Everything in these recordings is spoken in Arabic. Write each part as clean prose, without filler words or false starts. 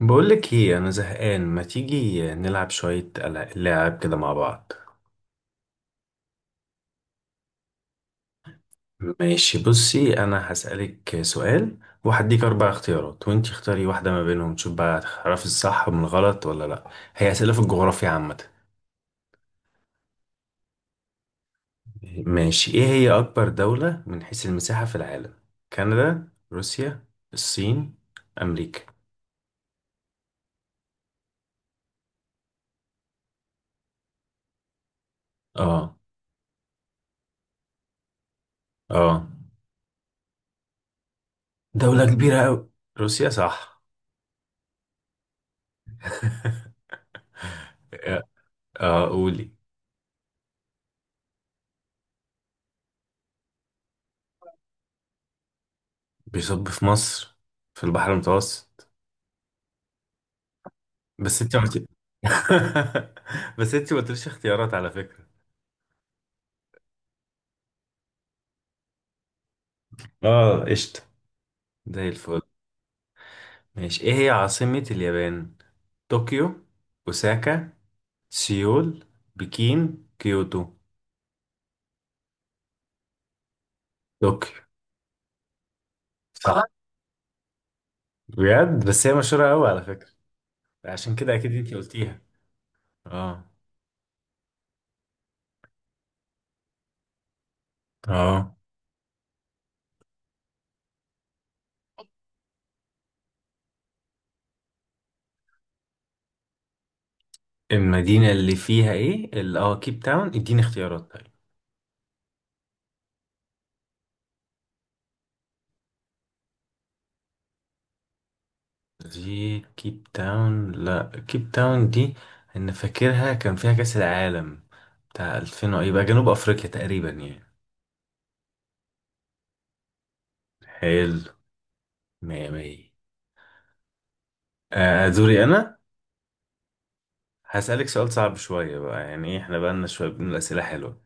بقولك ايه انا زهقان، ما تيجي نلعب شوية لعب كده مع بعض. ماشي، بصي انا هسألك سؤال وهديك اربع اختيارات وانتي اختاري واحدة ما بينهم، تشوف بقى هتعرفي الصح من الغلط ولا لا. هي أسئلة في الجغرافيا عامة. ماشي، ايه هي اكبر دولة من حيث المساحة في العالم؟ كندا، روسيا، الصين، امريكا؟ اه. اه، دولة كبيرة اوي. روسيا صح. اه، قولي. بيصب في مصر، في البحر المتوسط. بس انت ما قلت- بس انت ما قلتليش اختيارات على فكرة. اه، قشطة، زي الفل. ماشي، ايه هي عاصمة اليابان؟ طوكيو، اوساكا، سيول، بكين، كيوتو؟ طوكيو. صح بجد، بس هي مشهورة قوي على فكرة، عشان كده اكيد انت قلتيها. اه. اه، المدينة اللي فيها ايه، كيب تاون، اديني اختيارات طيب. دي كيب تاون، لا كيب تاون دي انا فاكرها كان فيها كأس العالم بتاع 2000 يبقى جنوب افريقيا تقريبا يعني. حلو، مية مية. آه، آه، دوري انا. هسألك سؤال صعب شوية بقى، يعني إيه، احنا بقالنا شوية بنقول أسئلة حلوة.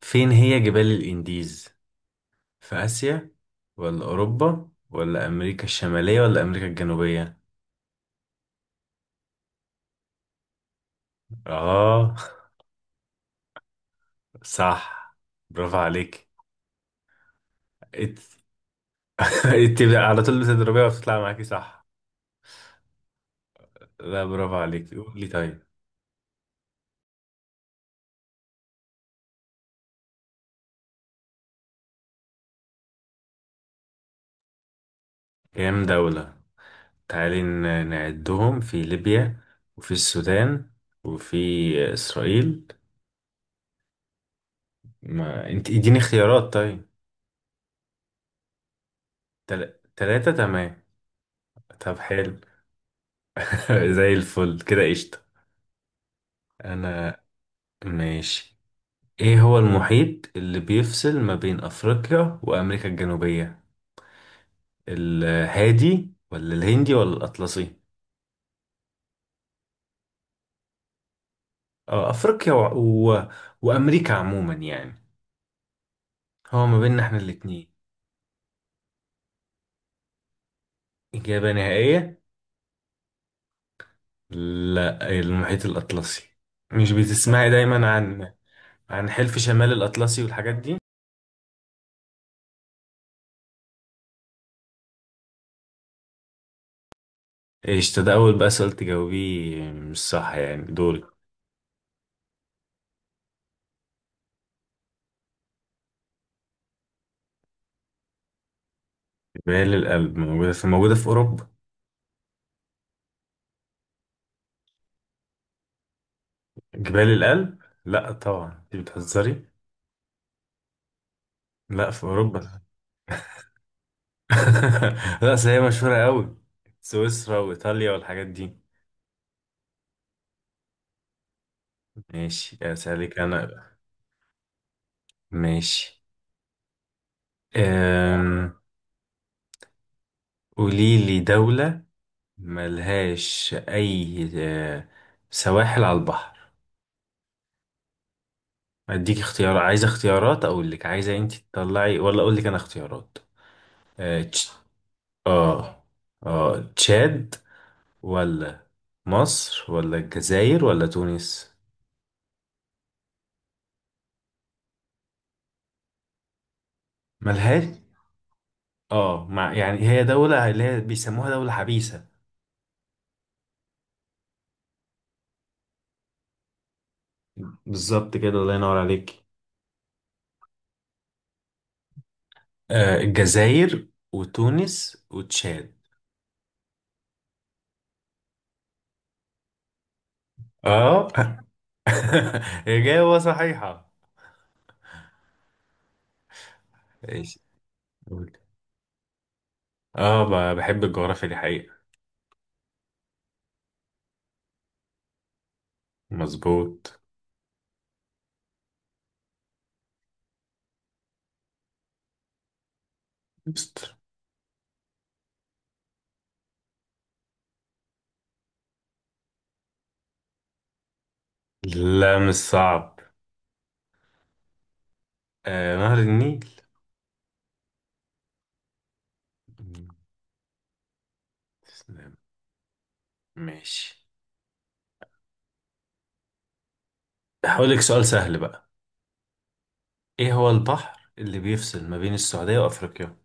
فين هي جبال الانديز؟ في آسيا ولا أوروبا ولا أمريكا الشمالية ولا أمريكا الجنوبية؟ اه. صح، برافو عليك. إت- على طول بتضربيها وبتطلع معاكي صح. لا برافو عليك، قول لي طيب. كام دولة؟ تعالي نعدهم، في ليبيا وفي السودان وفي إسرائيل. ما انت اديني اختيارات طيب. تلاتة، تمام. طب حلو. زي الفل كده، قشطة. أنا. ماشي، ايه هو المحيط اللي بيفصل ما بين أفريقيا وأمريكا الجنوبية؟ الهادي ولا الهندي ولا الأطلسي؟ اه، أفريقيا و... وأمريكا عموما يعني، هو ما بيننا احنا الاتنين. إجابة نهائية. لا، المحيط الأطلسي. مش بتسمعي دايما عن، عن حلف شمال الأطلسي والحاجات دي. ايش ده، أول بقى سؤال تجاوبيه مش صح يعني، دوري. جبال الألب موجودة في أوروبا. جبال الألب؟ لا طبعا، انت بتهزري. لا في أوروبا. لا بس هي مشهورة قوي، سويسرا وإيطاليا والحاجات دي. ماشي، أسألك أنا. ماشي. أم... قولي لي دولة ملهاش اي سواحل على البحر. اديك اختيار، عايزه اختيارات اقول لك، عايزه انت تطلعي ولا اقول لك انا اختيارات؟ اه تش- اه تشاد ولا مصر ولا الجزائر ولا تونس؟ ملهاش. اه، مع يعني، هي دولة اللي هي بيسموها دولة حبيسة. بالظبط كده، الله ينور عليك. آه، الجزائر وتونس وتشاد. اه. إجابة صحيحة. ايش. اه، بحب الجغرافيا دي حقيقة. مظبوط. است- لا مش صعب. آه، نهر النيل. مم، تسلم. ماشي، هقولك سؤال سهل بقى. ايه هو البحر اللي بيفصل ما بين السعودية وافريقيا؟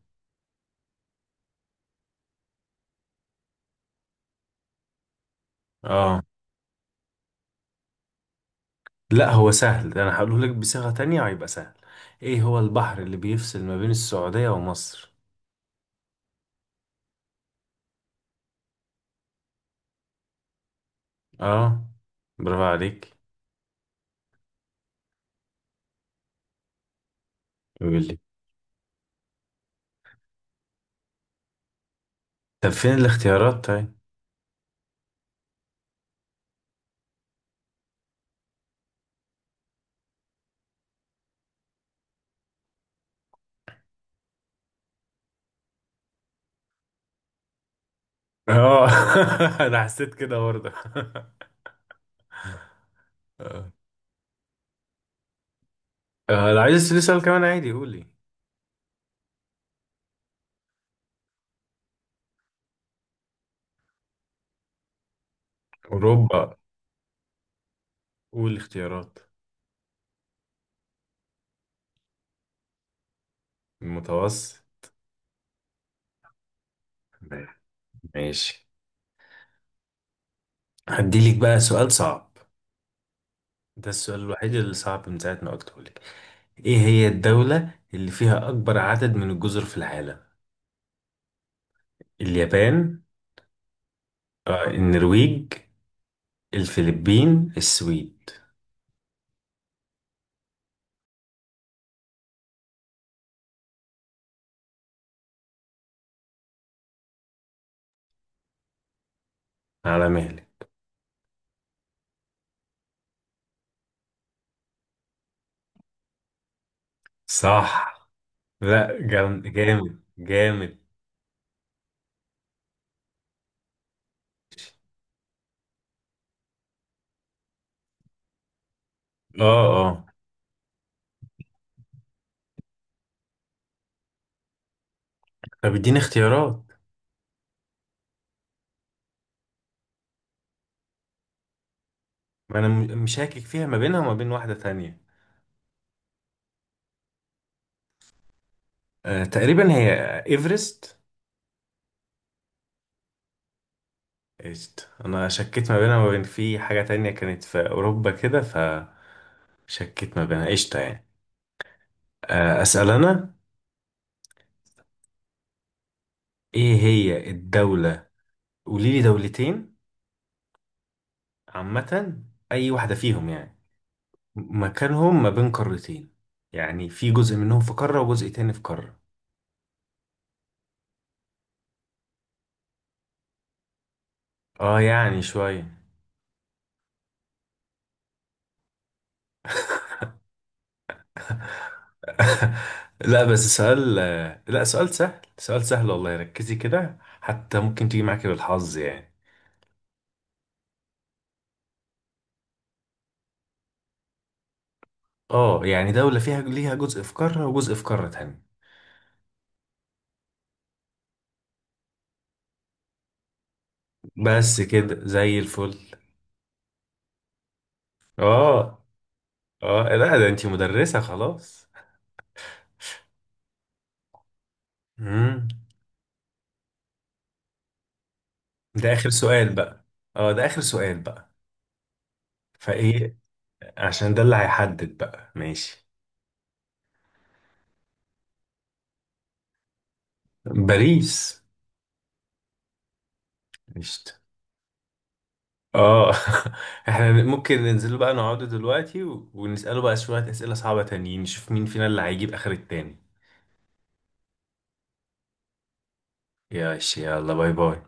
اه. لا هو سهل، ده انا هقوله لك بصيغة تانية هيبقى سهل. ايه هو البحر اللي بيفصل ما بين السعودية ومصر؟ اه، برافو عليك. قول لي، طب فين الاختيارات طيب. اه. انا حسيت كده برضه. آه، لو عايز تسألني سؤال كمان عادي قولي. أوروبا. قول الاختيارات. المتوسط. ماشي، هديلك بقى سؤال صعب. ده السؤال الوحيد اللي صعب من ساعة ما قلته لك. إيه هي الدولة اللي فيها أكبر عدد من الجزر في العالم؟ اليابان، آه، النرويج، الفلبين، السويد. على مهلك. صح. لا، جامد جامد جامد. اه. اه، طب اديني اختيارات. ما انا مشاكك فيها ما بينها وما بين واحدة تانية. آه، تقريبا هي، ايفرست. إيست. انا شكيت ما بينها وما بين، في حاجة تانية كانت في اوروبا كده فشكيت ما بينها. قشطة يعني. آه، اسأل انا. ايه هي الدولة، قولي لي دولتين، عامة، اي واحدة فيهم يعني، مكانهم ما بين قارتين، يعني في جزء منهم في قارة وجزء تاني في قارة. اه يعني شوية. لا بس سؤال، لا سؤال سهل، سؤال سهل والله، ركزي كده حتى ممكن تيجي معاكي بالحظ يعني. اه يعني دولة فيها، ليها جزء في قارة وجزء في قارة تانية. بس كده، زي الفل. اه. اه، لا ده انتي مدرسة خلاص. امم ده اخر سؤال بقى. اه، ده اخر سؤال بقى. فايه؟ عشان ده اللي هيحدد بقى، ماشي. باريس. قشطة. اه. احنا ممكن ننزل بقى نقعد دلوقتي ونسأله بقى شوية أسئلة صعبة تانيين، نشوف مين فينا اللي هيجيب اخر التاني. يا يلا، باي باي.